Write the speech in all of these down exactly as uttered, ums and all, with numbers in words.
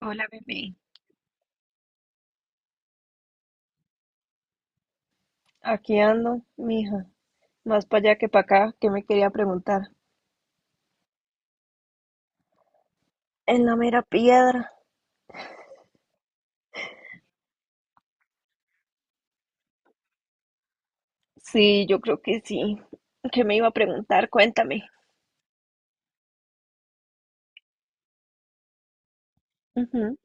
Hola, bebé. Aquí ando, mija, más para allá que para acá, que me quería preguntar. En la mera piedra. Sí, yo creo que sí. ¿Qué me iba a preguntar? Cuéntame. Ujú.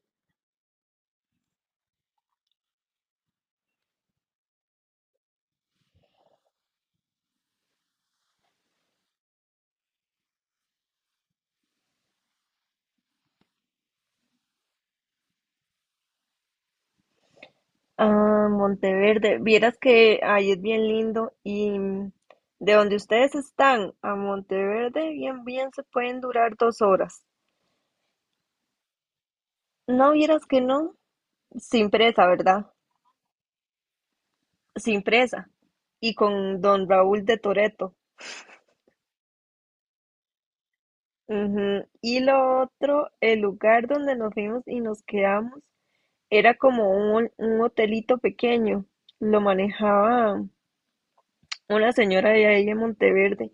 Ah, Monteverde. Vieras que ahí es bien lindo y mm, de donde ustedes están a Monteverde, bien, bien se pueden durar dos horas. No vieras que no, sin presa, ¿verdad? Sin presa. Y con don Raúl de Toreto. Ujú. Y lo otro, el lugar donde nos vimos y nos quedamos era como un, un hotelito pequeño. Lo manejaba una señora de ahí de Monteverde.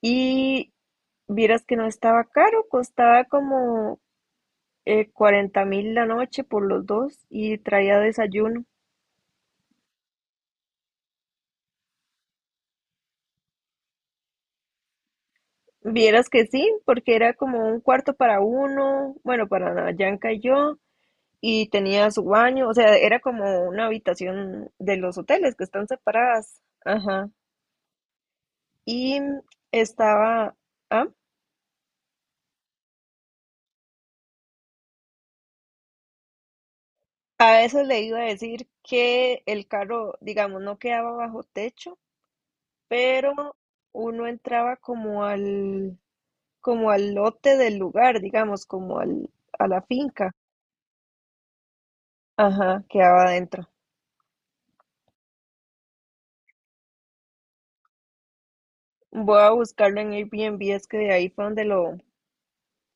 Y vieras que no estaba caro, costaba como eh, 40 mil la noche por los dos y traía desayuno. Vieras que sí, porque era como un cuarto para uno, bueno, para Yanka y yo, y tenía su baño, o sea, era como una habitación de los hoteles que están separadas. Ajá. Y estaba, ah, a eso le iba a decir que el carro, digamos, no quedaba bajo techo, pero uno entraba como al, como al lote del lugar, digamos, como al, a la finca. Ajá, quedaba adentro. Voy a buscarlo en Airbnb, es que de ahí fue donde lo,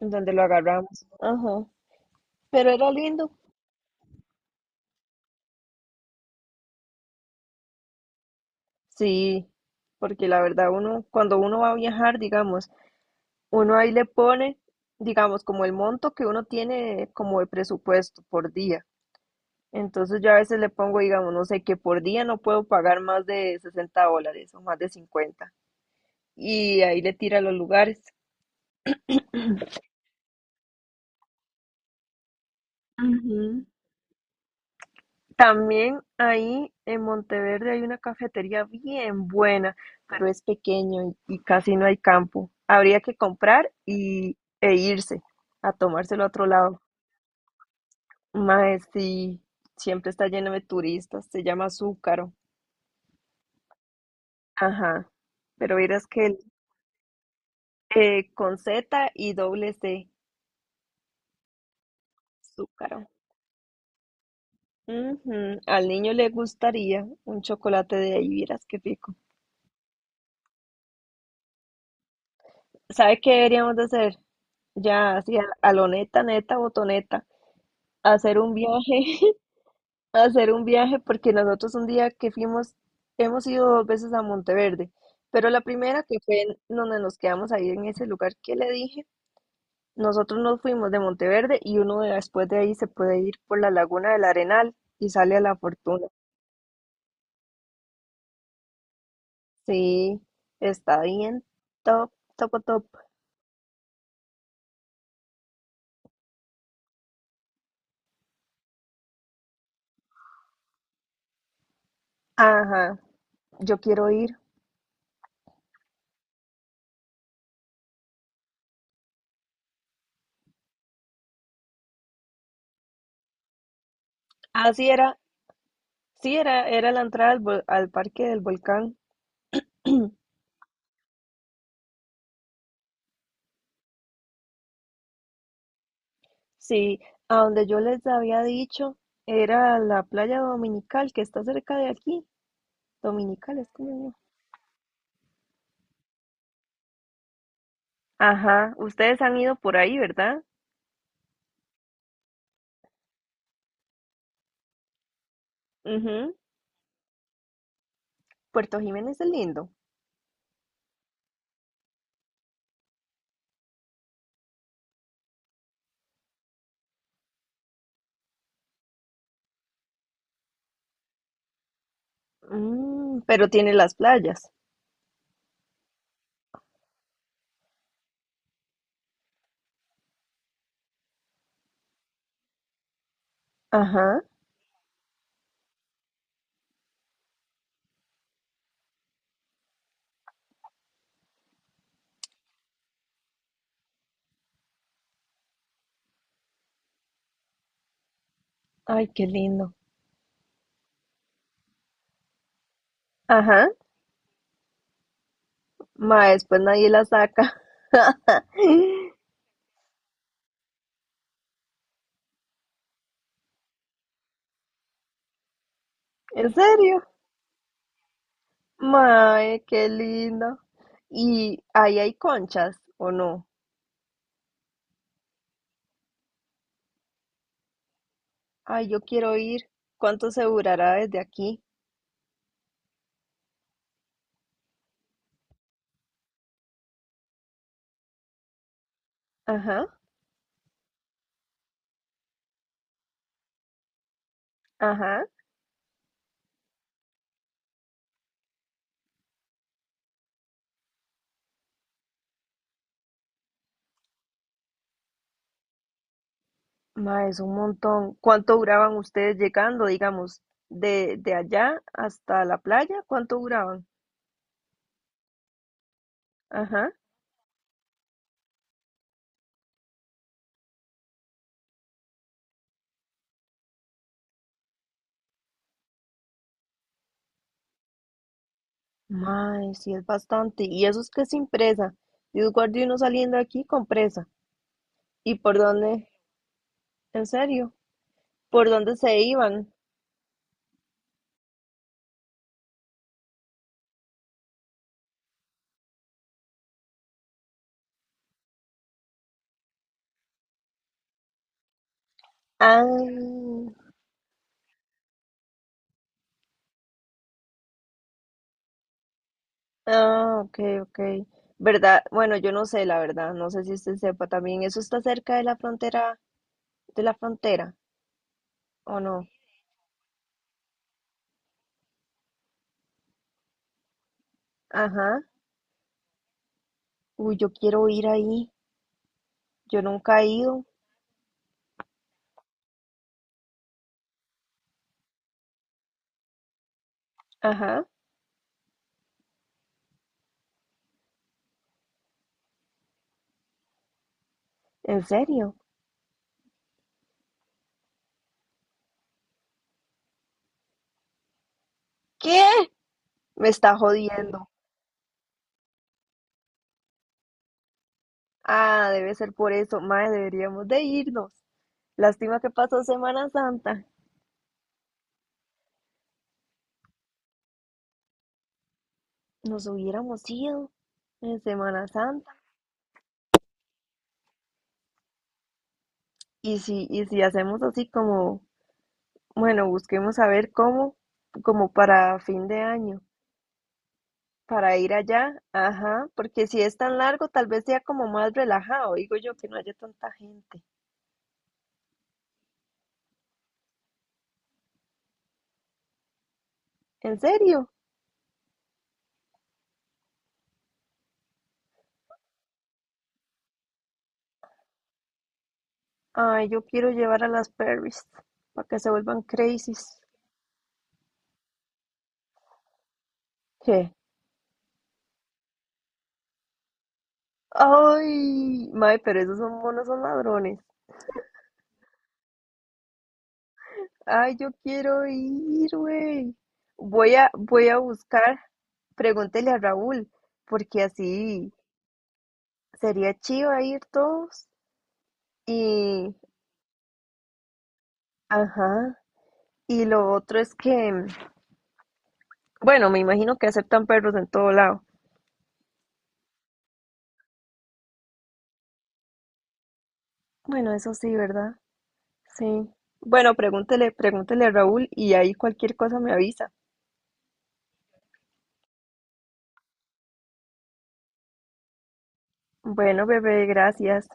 donde lo agarramos. Ajá. Pero era lindo. Sí, porque la verdad uno, cuando uno va a viajar, digamos, uno ahí le pone, digamos, como el monto que uno tiene como de presupuesto por día. Entonces yo a veces le pongo, digamos, no sé, que por día no puedo pagar más de sesenta dólares o más de cincuenta. Y ahí le tira los lugares. Ujú. También ahí en Monteverde hay una cafetería bien buena, pero es pequeño y, y casi no hay campo. Habría que comprar y, e irse a tomárselo a otro lado. Mae, sí, siempre está lleno de turistas, se llama Zúcaro. Ajá, pero verás que eh, con Z y doble C, Zúcaro. Ujú, al niño le gustaría un chocolate de ahí, vieras qué rico. ¿Sabe qué deberíamos de hacer? Ya, así a, a lo neta, neta, botoneta, hacer un viaje, hacer un viaje, porque nosotros un día que fuimos, hemos ido dos veces a Monteverde, pero la primera que fue en donde nos quedamos ahí en ese lugar que le dije, nosotros nos fuimos de Monteverde y uno de- después de ahí se puede ir por la Laguna del Arenal y sale a La Fortuna. Sí, está bien, top, top, top. Ajá, yo quiero ir. Así era. Sí, era, era la entrada al, vol- al parque del volcán. Sí, a donde yo les había dicho, era la playa Dominical, que está cerca de aquí. Dominical, es como no. Ajá, ustedes han ido por ahí, ¿verdad? Ujú, Puerto Jiménez es lindo. Mm, pero tiene las playas. Ajá. Ay, qué lindo. Ajá. Ma, después nadie la saca. ¿En serio? Mae, qué lindo. ¿Y ahí hay conchas o no? Ay, yo quiero ir. ¿Cuánto se durará desde aquí? Ajá, ajá. Ma, es un montón. ¿Cuánto duraban ustedes llegando, digamos, de, de allá hasta la playa? ¿Cuánto duraban? Ajá. Ma, sí es bastante. Y eso es que sin presa. Yo guardé uno saliendo aquí con presa. ¿Y por dónde? ¿En serio? ¿Por dónde se iban? Ah, ah, ok, ok. ¿Verdad? Bueno, yo no sé, la verdad. No sé si usted sepa también. Eso está cerca de la frontera de la frontera, ¿o no? Ajá. Uy, yo quiero ir ahí. Yo nunca he ido. Ajá. ¿En serio? ¿Qué? Me está jodiendo. Ah, debe ser por eso. Mae, deberíamos de irnos. Lástima que pasó Semana Santa. Nos hubiéramos ido en Semana Santa. Y si, y si hacemos así como, bueno, busquemos a ver cómo, como para fin de año. Para ir allá, ajá, porque si es tan largo, tal vez sea como más relajado, digo yo, que no haya tanta gente. ¿En serio? Ay, yo quiero llevar a las Perrys para que se vuelvan crazies. ¿Qué? Ay, mae, pero esos son monos, son ladrones. Ay, yo quiero ir, güey. Voy a, voy a buscar, pregúntele a Raúl, porque así sería chido ir todos. Y, ajá, y lo otro es que bueno, me imagino que aceptan perros en todo lado. Bueno, eso sí, ¿verdad? Sí. Bueno, pregúntele, pregúntele a Raúl y ahí cualquier cosa me avisa. Bueno, bebé, gracias.